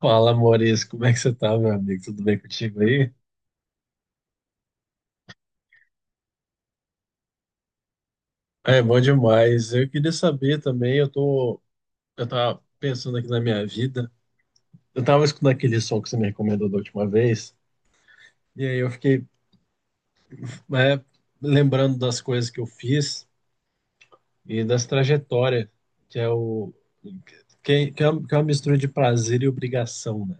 Fala, Maurício, como é que você tá, meu amigo? Tudo bem contigo aí? É bom demais. Eu queria saber também, eu tava pensando aqui na minha vida. Eu tava escutando aquele som que você me recomendou da última vez, e aí eu fiquei, é, lembrando das coisas que eu fiz e das trajetórias, que é o que é uma mistura de prazer e obrigação, né?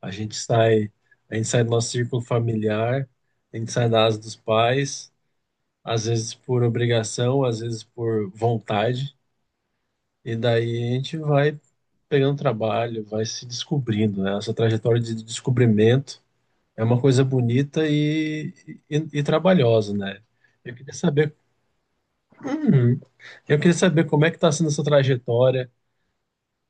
A gente sai, a gente sai do nosso círculo familiar, a gente sai da asa dos pais. Às vezes por obrigação, às vezes por vontade, e daí a gente vai pegando trabalho, vai se descobrindo, né? Essa trajetória de descobrimento é uma coisa bonita e trabalhosa, né? Eu queria saber, Uhum. Eu queria saber como é que está sendo essa trajetória,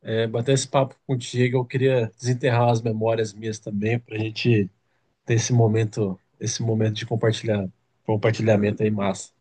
bater esse papo contigo, eu queria desenterrar as memórias minhas também para a gente ter esse momento de compartilhamento aí massa.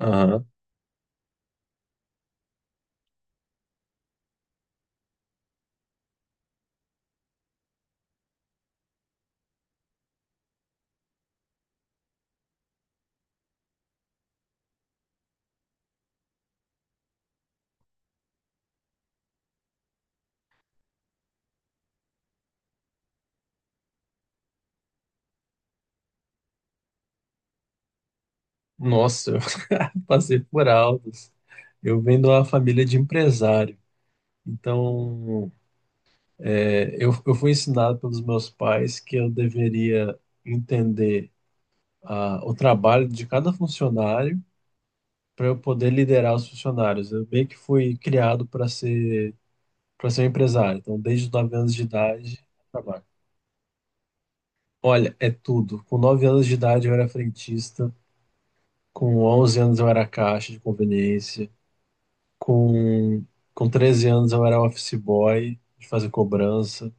Aham. Nossa, passei por altos. Eu venho de uma família de empresário. Então, eu fui ensinado pelos meus pais que eu deveria entender o trabalho de cada funcionário para eu poder liderar os funcionários. Eu meio que fui criado para ser um empresário. Então, desde os 9 anos de idade, trabalho. Olha, é tudo. Com 9 anos de idade, eu era frentista. Com 11 anos, eu era caixa de conveniência. Com, com 13 anos eu era office boy, de fazer cobrança.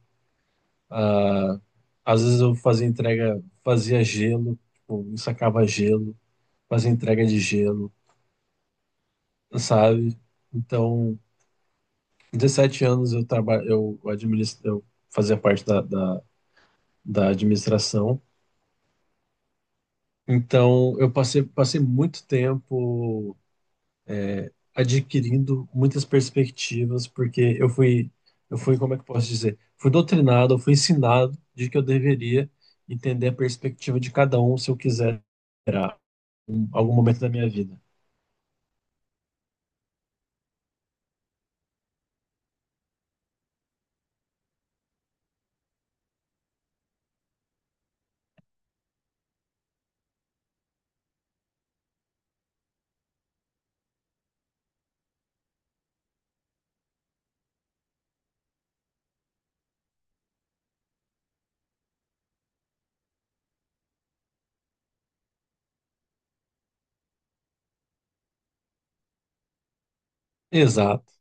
Ah, às vezes eu fazia entrega, fazia gelo, tipo, sacava gelo, fazia entrega de gelo, sabe? Então, 17 anos eu trabalho, eu administro, eu fazia parte da administração. Então, eu passei muito tempo adquirindo muitas perspectivas, porque eu fui, como é que eu posso dizer? Fui doutrinado, eu fui ensinado de que eu deveria entender a perspectiva de cada um se eu quiser esperar em algum momento da minha vida. Exato.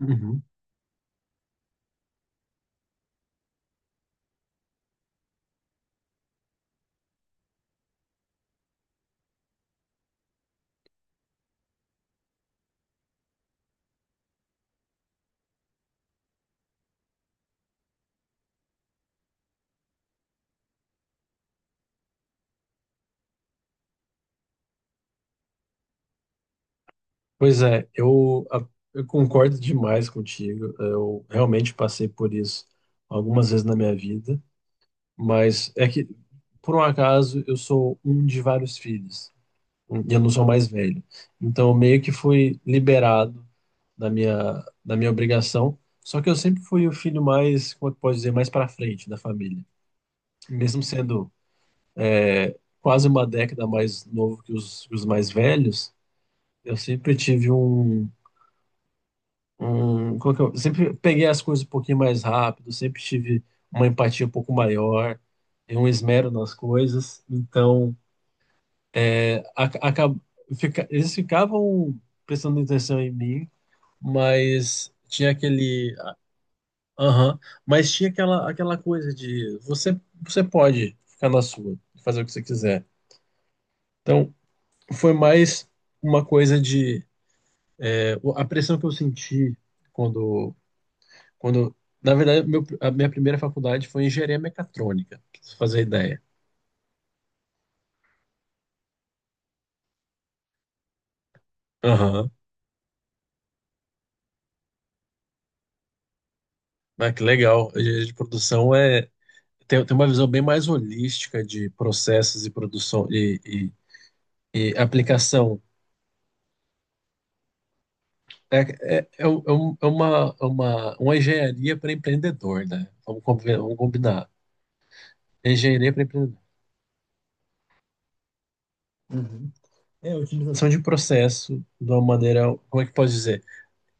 Uhum. Pois é, eu concordo demais contigo. Eu realmente passei por isso algumas vezes na minha vida, mas é que, por um acaso, eu sou um de vários filhos, e eu não sou mais velho. Então, eu meio que fui liberado da minha obrigação. Só que eu sempre fui o filho mais, como é que pode dizer, mais para frente da família. Mesmo sendo quase uma década mais novo que os mais velhos, eu sempre tive como é que eu, sempre peguei as coisas um pouquinho mais rápido, sempre tive uma empatia um pouco maior e um esmero nas coisas. Então, a, acab- eles ficavam prestando atenção em mim, mas tinha aquele Aham. Mas tinha aquela coisa de você pode ficar na sua, fazer o que você quiser. Então, foi mais uma coisa de. A pressão que eu senti quando. quando na verdade, meu, a minha primeira faculdade foi engenharia mecatrônica, pra você fazer ideia. Aham. Ah, que legal. A engenharia de produção tem uma visão bem mais holística de processos e produção e aplicação. É, é uma engenharia para empreendedor, né? Vamos, vamos combinar. Engenharia para empreendedor. Uhum. É a utilização. Utilização de processo de uma maneira, como é que pode dizer?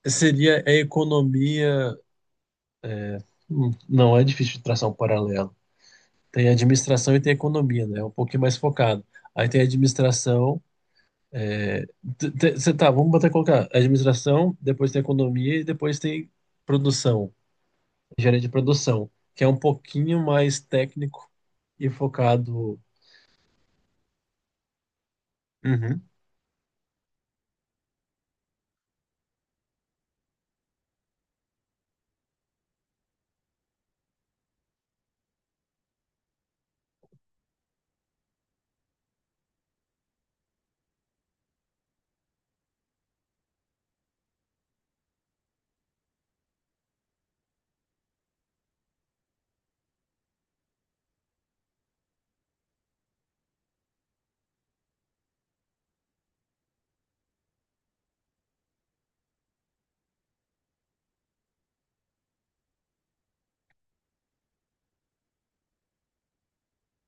Seria a economia. Não, é difícil de traçar um paralelo. Tem administração e tem economia, né? É um pouquinho mais focado. Aí tem administração. Você tá, vamos botar colocar administração, depois tem economia e depois tem produção. Engenharia de produção, que é um pouquinho mais técnico e focado. Uhum,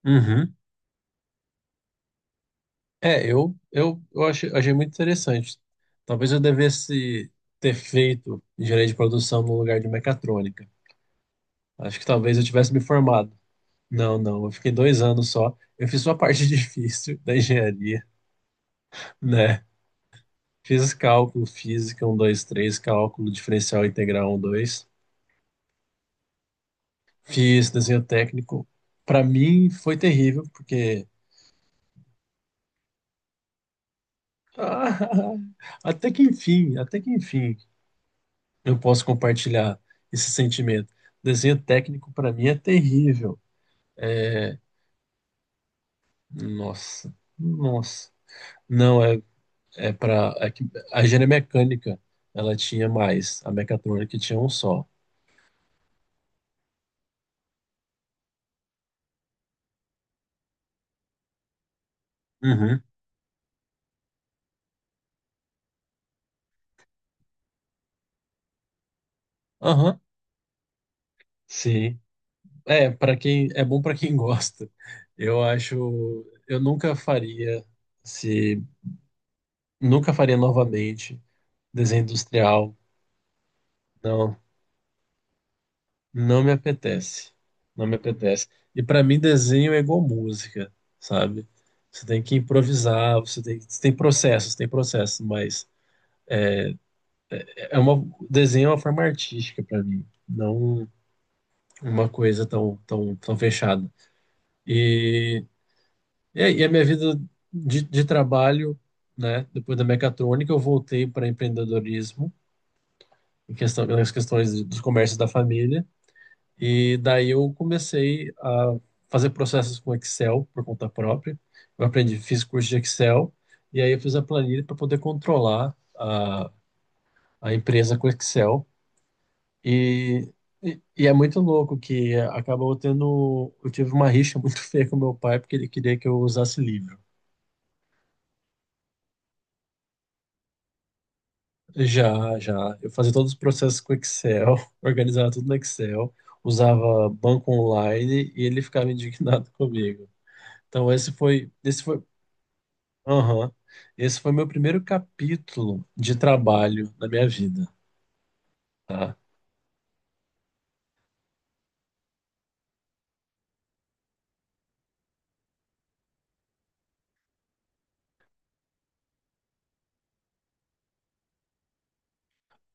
uhum. É, eu achei muito interessante. Talvez eu devesse ter feito engenharia de produção no lugar de mecatrônica. Acho que talvez eu tivesse me formado. Não, não, eu fiquei 2 anos só. Eu fiz só a parte difícil da engenharia, né? Fiz cálculo, física um, 2, 3, cálculo diferencial integral um, 2. Fiz desenho técnico. Para mim foi terrível, porque. Ah, até que enfim, eu posso compartilhar esse sentimento. Desenho técnico para mim é terrível. É, nossa, nossa. Não, é para. É que a engenharia mecânica ela tinha mais, a mecatrônica tinha um só. Uhum. Aham, sim. É, para quem é bom para quem gosta. Eu acho, eu nunca faria se nunca faria novamente desenho industrial. Não, não me apetece. Não me apetece. E para mim, desenho é igual música, sabe? Você tem que improvisar, você tem processos, tem processos, mas é uma, desenho é uma forma artística para mim, não uma coisa tão, tão, tão fechada. E, e aí, a minha vida de trabalho, né? Depois da mecatrônica, eu voltei para empreendedorismo, em questão, nas questões dos comércios da família. E daí eu comecei a fazer processos com Excel por conta própria. Eu aprendi, fiz curso de Excel e aí eu fiz a planilha para poder controlar a empresa com Excel. E, e é muito louco que acabou tendo. Eu tive uma rixa muito feia com meu pai porque ele queria que eu usasse livro. Já, já. Eu fazia todos os processos com Excel, organizava tudo no Excel, usava banco online e ele ficava indignado comigo. Então. Aham. Esse foi meu primeiro capítulo de trabalho na minha vida, tá?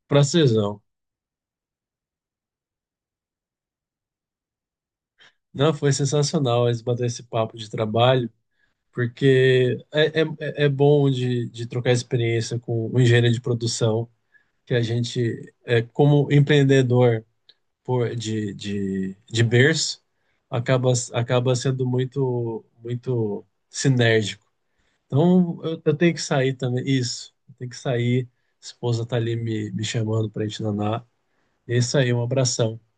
Francesão. Não, foi sensacional eles bater esse papo de trabalho, porque é bom de trocar experiência com o engenheiro de produção, que a gente, como empreendedor de berço, acaba sendo muito, muito sinérgico. Então, eu tenho que sair também. Isso, eu tenho que sair. Esposa tá ali me chamando pra gente danar. É isso aí, um abração.